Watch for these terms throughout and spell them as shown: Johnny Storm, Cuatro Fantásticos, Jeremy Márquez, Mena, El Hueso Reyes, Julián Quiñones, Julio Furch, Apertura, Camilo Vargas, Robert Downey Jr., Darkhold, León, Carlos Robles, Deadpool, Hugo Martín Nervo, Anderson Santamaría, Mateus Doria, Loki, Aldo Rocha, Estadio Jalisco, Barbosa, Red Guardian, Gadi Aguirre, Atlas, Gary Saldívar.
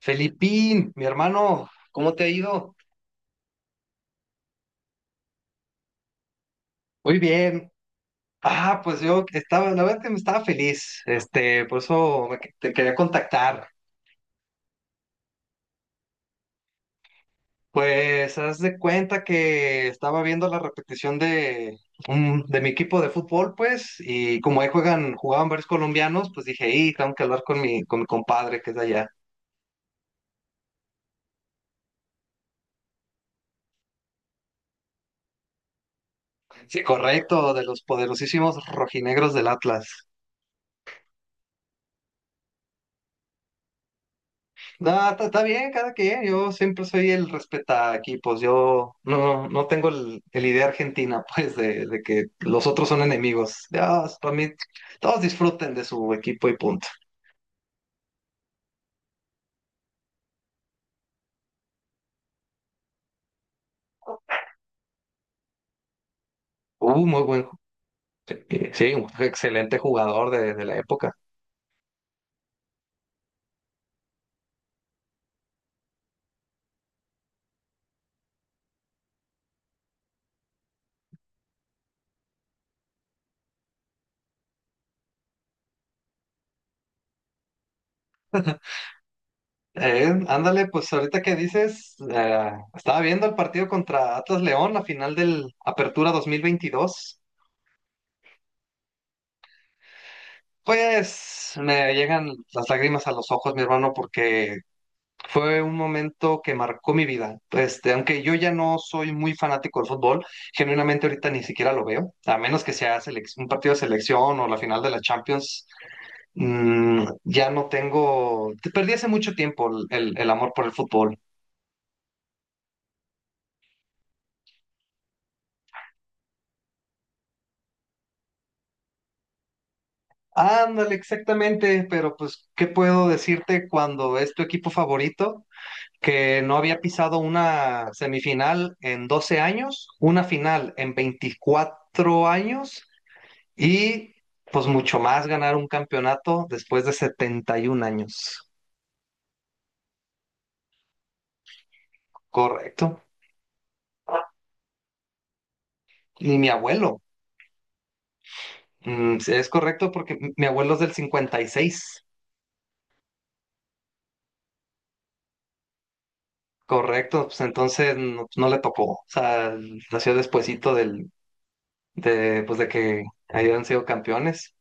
Felipín, mi hermano, ¿cómo te ha ido? Muy bien. Pues yo estaba, la verdad que me estaba feliz, por eso te quería contactar. Pues haz de cuenta que estaba viendo la repetición de mi equipo de fútbol, pues, y como ahí jugaban varios colombianos, pues dije, y tengo que hablar con mi compadre que es de allá. Sí, correcto, de los poderosísimos rojinegros del Atlas. No, está bien, cada quien. Yo siempre soy el respeta equipos. Yo no, no tengo el idea argentina, pues, de que los otros son enemigos. Ya, para mí, todos disfruten de su equipo y punto. Uh, muy buen, ju- sí, un excelente jugador de la época. Ándale, pues ahorita que dices, estaba viendo el partido contra Atlas León, la final del Apertura 2022. Pues me llegan las lágrimas a los ojos, mi hermano, porque fue un momento que marcó mi vida. Aunque yo ya no soy muy fanático del fútbol, genuinamente ahorita ni siquiera lo veo, a menos que sea un partido de selección o la final de la Champions. Ya no tengo, te perdí hace mucho tiempo el amor por el fútbol. Ándale, exactamente, pero pues, ¿qué puedo decirte cuando es tu equipo favorito? Que no había pisado una semifinal en 12 años, una final en 24 años. Y pues mucho más ganar un campeonato después de 71 años. Correcto. Y mi abuelo. Sí, es correcto porque mi abuelo es del 56. Correcto. Pues entonces no, pues, no le tocó. O sea, nació despuesito pues de que hayan sido campeones.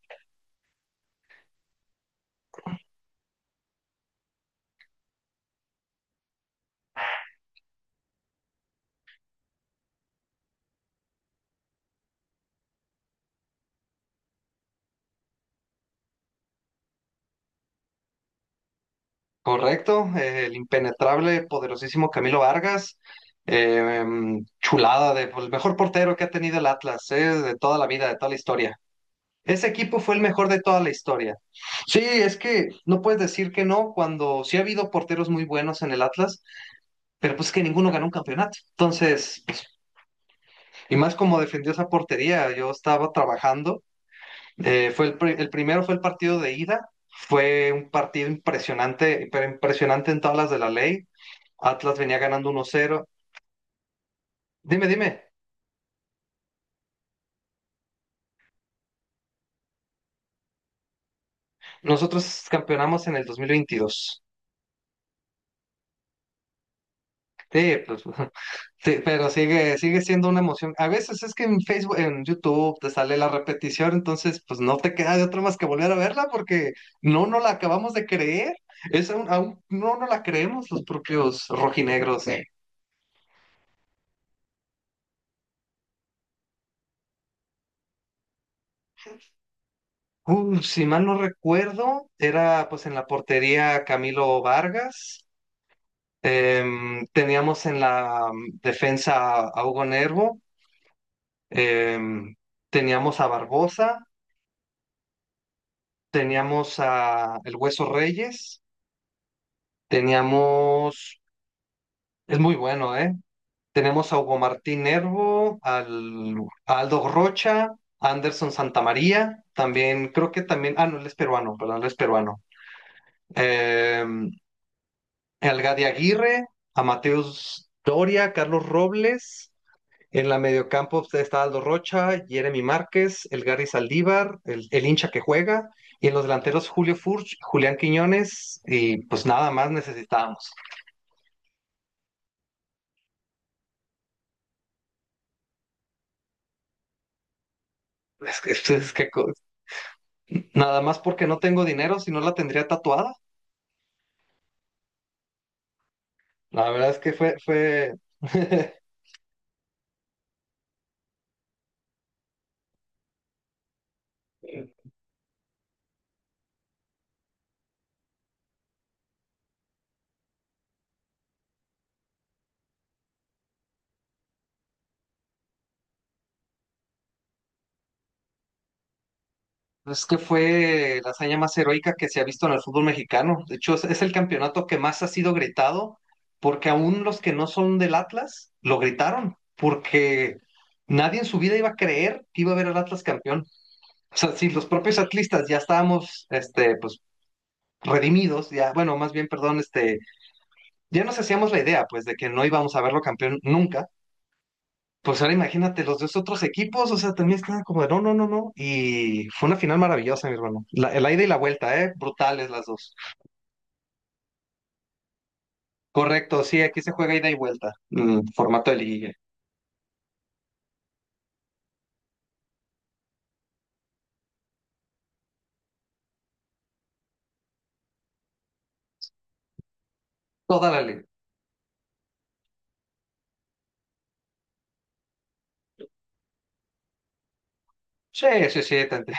Correcto. El impenetrable, poderosísimo Camilo Vargas. Chulada de, pues, el mejor portero que ha tenido el Atlas, de toda la vida, de toda la historia. Ese equipo fue el mejor de toda la historia. Sí, es que no puedes decir que no cuando sí ha habido porteros muy buenos en el Atlas, pero pues que ninguno ganó un campeonato. Entonces, pues, y más como defendió esa portería, yo estaba trabajando. El primero fue el partido de ida. Fue un partido impresionante, pero impresionante en tablas de la ley. Atlas venía ganando 1-0. Dime, dime, nosotros campeonamos en el 2022. Sí, pues, sí, pero sigue siendo una emoción. A veces es que en Facebook, en YouTube te sale la repetición, entonces pues no te queda de otra más que volver a verla porque no la acabamos de creer. Es aún no la creemos los propios rojinegros. Sí. Si mal no recuerdo, era pues en la portería Camilo Vargas. Teníamos en la defensa a Hugo Nervo. Em, teníamos a Barbosa. Teníamos a El Hueso Reyes, teníamos, es muy bueno, ¿eh? Tenemos a Hugo Martín Nervo, al, a Aldo Rocha, a Anderson Santamaría, también, creo que también, ah, no, él es peruano, perdón, él es peruano. Eh, al Gadi Aguirre, a Mateus Doria, Carlos Robles, en la mediocampo pues, está Aldo Rocha, Jeremy Márquez, el Gary Saldívar, el hincha que juega, y en los delanteros Julio Furch, Julián Quiñones, y pues nada más necesitábamos. Es que nada más porque no tengo dinero, si no la tendría tatuada. La verdad es que fue, es que fue la hazaña más heroica que se ha visto en el fútbol mexicano. De hecho, es el campeonato que más ha sido gritado, porque aún los que no son del Atlas lo gritaron, porque nadie en su vida iba a creer que iba a ver al Atlas campeón. O sea, si los propios atlistas ya estábamos, pues, redimidos, ya, bueno, más bien, perdón, ya nos hacíamos la idea, pues, de que no íbamos a verlo campeón nunca. Pues ahora imagínate, los dos otros equipos, o sea, también estaban como de no, no, no, no. Y fue una final maravillosa, mi hermano. La ida y la vuelta, ¿eh? Brutales las dos. Correcto, sí, aquí se juega ida y vuelta. Formato de liguilla. Toda la liga. Sí, sí, sí. tante-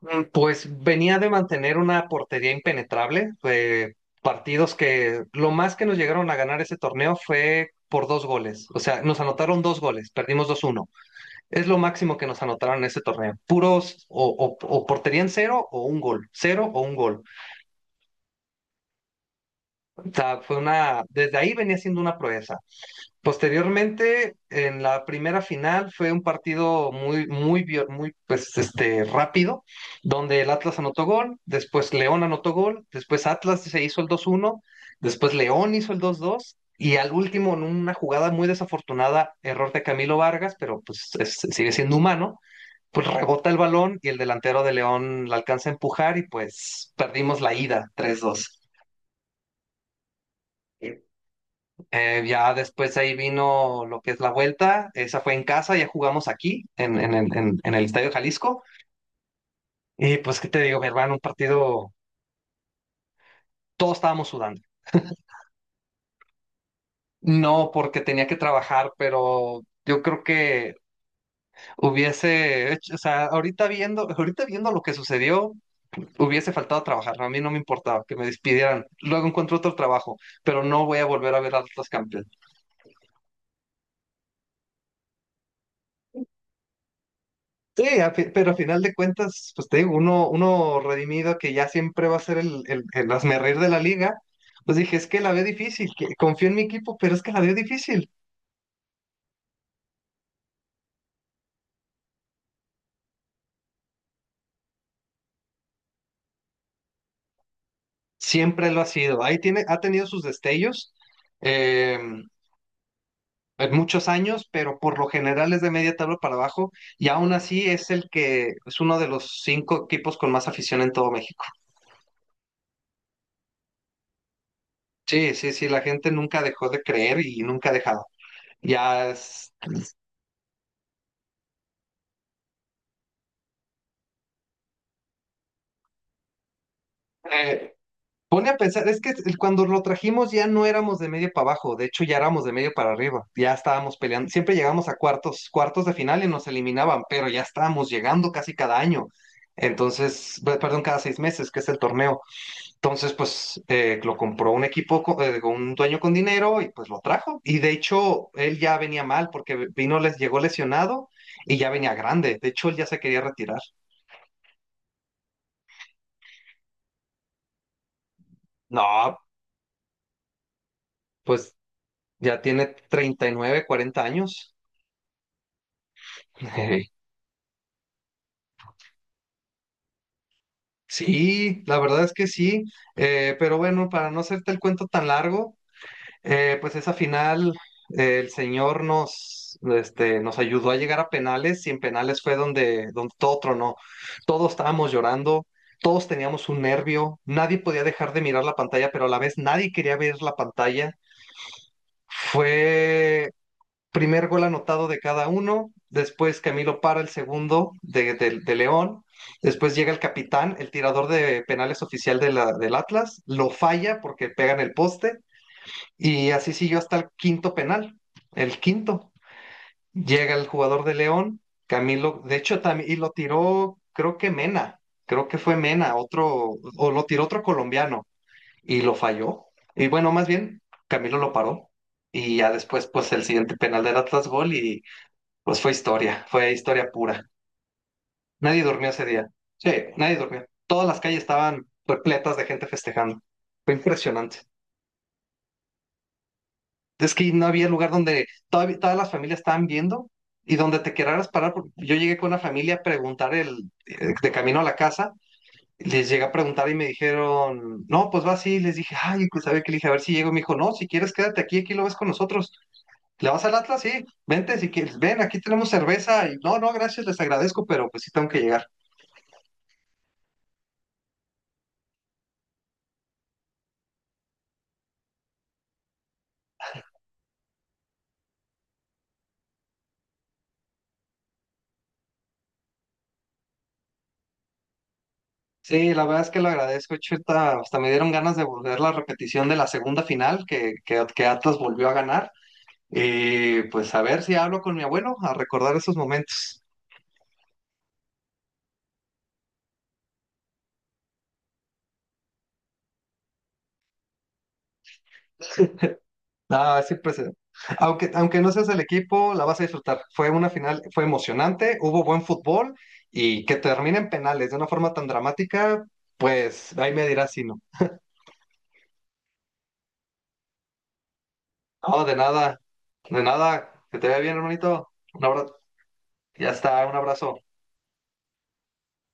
Mm, pues venía de mantener una portería impenetrable. Partidos que lo más que nos llegaron a ganar ese torneo fue por dos goles. O sea, nos anotaron dos goles, perdimos 2-1. Es lo máximo que nos anotaron en ese torneo. Puros o portería en cero o un gol. Cero o un gol. O sea, fue una. Desde ahí venía siendo una proeza. Posteriormente, en la primera final, fue un partido muy, pues, rápido, donde el Atlas anotó gol, después León anotó gol, después Atlas se hizo el 2-1, después León hizo el 2-2. Y al último, en una jugada muy desafortunada, error de Camilo Vargas, pero pues sigue siendo humano, pues rebota el balón y el delantero de León la alcanza a empujar y pues perdimos la ida 3-2. Ya después ahí vino lo que es la vuelta, esa fue en casa, ya jugamos aquí en el Estadio Jalisco y pues qué te digo, mi hermano, un partido, todos estábamos sudando. No porque tenía que trabajar, pero yo creo que hubiese hecho, o sea, ahorita viendo lo que sucedió, hubiese faltado trabajar, a mí no me importaba que me despidieran, luego encuentro otro trabajo, pero no voy a volver a ver a Atlas campeón. Sí, pero a final de cuentas, pues te digo, uno redimido que ya siempre va a ser el hazmerreír de la liga, pues dije, es que la veo difícil, que confío en mi equipo, pero es que la veo difícil. Siempre lo ha sido, ahí tiene, ha tenido sus destellos eh, en muchos años, pero por lo general es de media tabla para abajo, y aún así es el que es uno de los cinco equipos con más afición en todo México. Sí, sí, sí, la gente nunca dejó de creer y nunca ha dejado. Ya es, eh, pone a pensar, es que cuando lo trajimos ya no éramos de medio para abajo, de hecho ya éramos de medio para arriba, ya estábamos peleando, siempre llegábamos a cuartos, cuartos de final y nos eliminaban, pero ya estábamos llegando casi cada año, entonces, perdón, cada 6 meses, que es el torneo. Entonces, pues lo compró un equipo, con un dueño con dinero y pues lo trajo. Y de hecho, él ya venía mal porque vino, les llegó lesionado y ya venía grande. De hecho, él ya se quería retirar. No, pues ya tiene 39 40 años. Sí, la verdad es que sí. Pero bueno, para no hacerte el cuento tan largo, pues esa final, el señor nos, nos ayudó a llegar a penales y en penales fue donde, donde todo tronó. Todos estábamos llorando, todos teníamos un nervio, nadie podía dejar de mirar la pantalla, pero a la vez nadie quería ver la pantalla. Fue primer gol anotado de cada uno, después Camilo para el segundo de León, después llega el capitán, el tirador de penales oficial de del Atlas, lo falla porque pega en el poste. Y así siguió hasta el quinto penal. El quinto. Llega el jugador de León, Camilo, de hecho, también, y lo tiró, creo que Mena, creo que fue Mena, otro, o lo tiró otro colombiano, y lo falló. Y bueno, más bien, Camilo lo paró. Y ya después, pues el siguiente penal del Atlas gol y pues fue historia pura. Nadie durmió ese día. Sí, nadie durmió. Todas las calles estaban repletas de gente festejando. Fue impresionante. Es que no había lugar donde todavía, todas las familias estaban viendo y donde te querrás parar. Porque yo llegué con una familia a preguntar de camino a la casa, les llegué a preguntar y me dijeron, no, pues va así. Les dije, ay, pues sabe que le dije, a ver si llego. Me dijo, no, si quieres quédate aquí, aquí lo ves con nosotros. ¿Le vas al Atlas? Sí, vente si quieres, ven, aquí tenemos cerveza. Y no, no, gracias, les agradezco, pero pues sí tengo que llegar. Sí, la verdad es que lo agradezco, Chuta. Hasta me dieron ganas de volver la repetición de la segunda final que Atlas volvió a ganar. Y pues a ver si hablo con mi abuelo a recordar esos momentos. Ah, siempre se- Aunque, aunque no seas el equipo, la vas a disfrutar. Fue una final, fue emocionante, hubo buen fútbol y que termine en penales de una forma tan dramática, pues ahí me dirás si no. No, de nada, que te vea bien, hermanito. Un abrazo, ya está, un abrazo.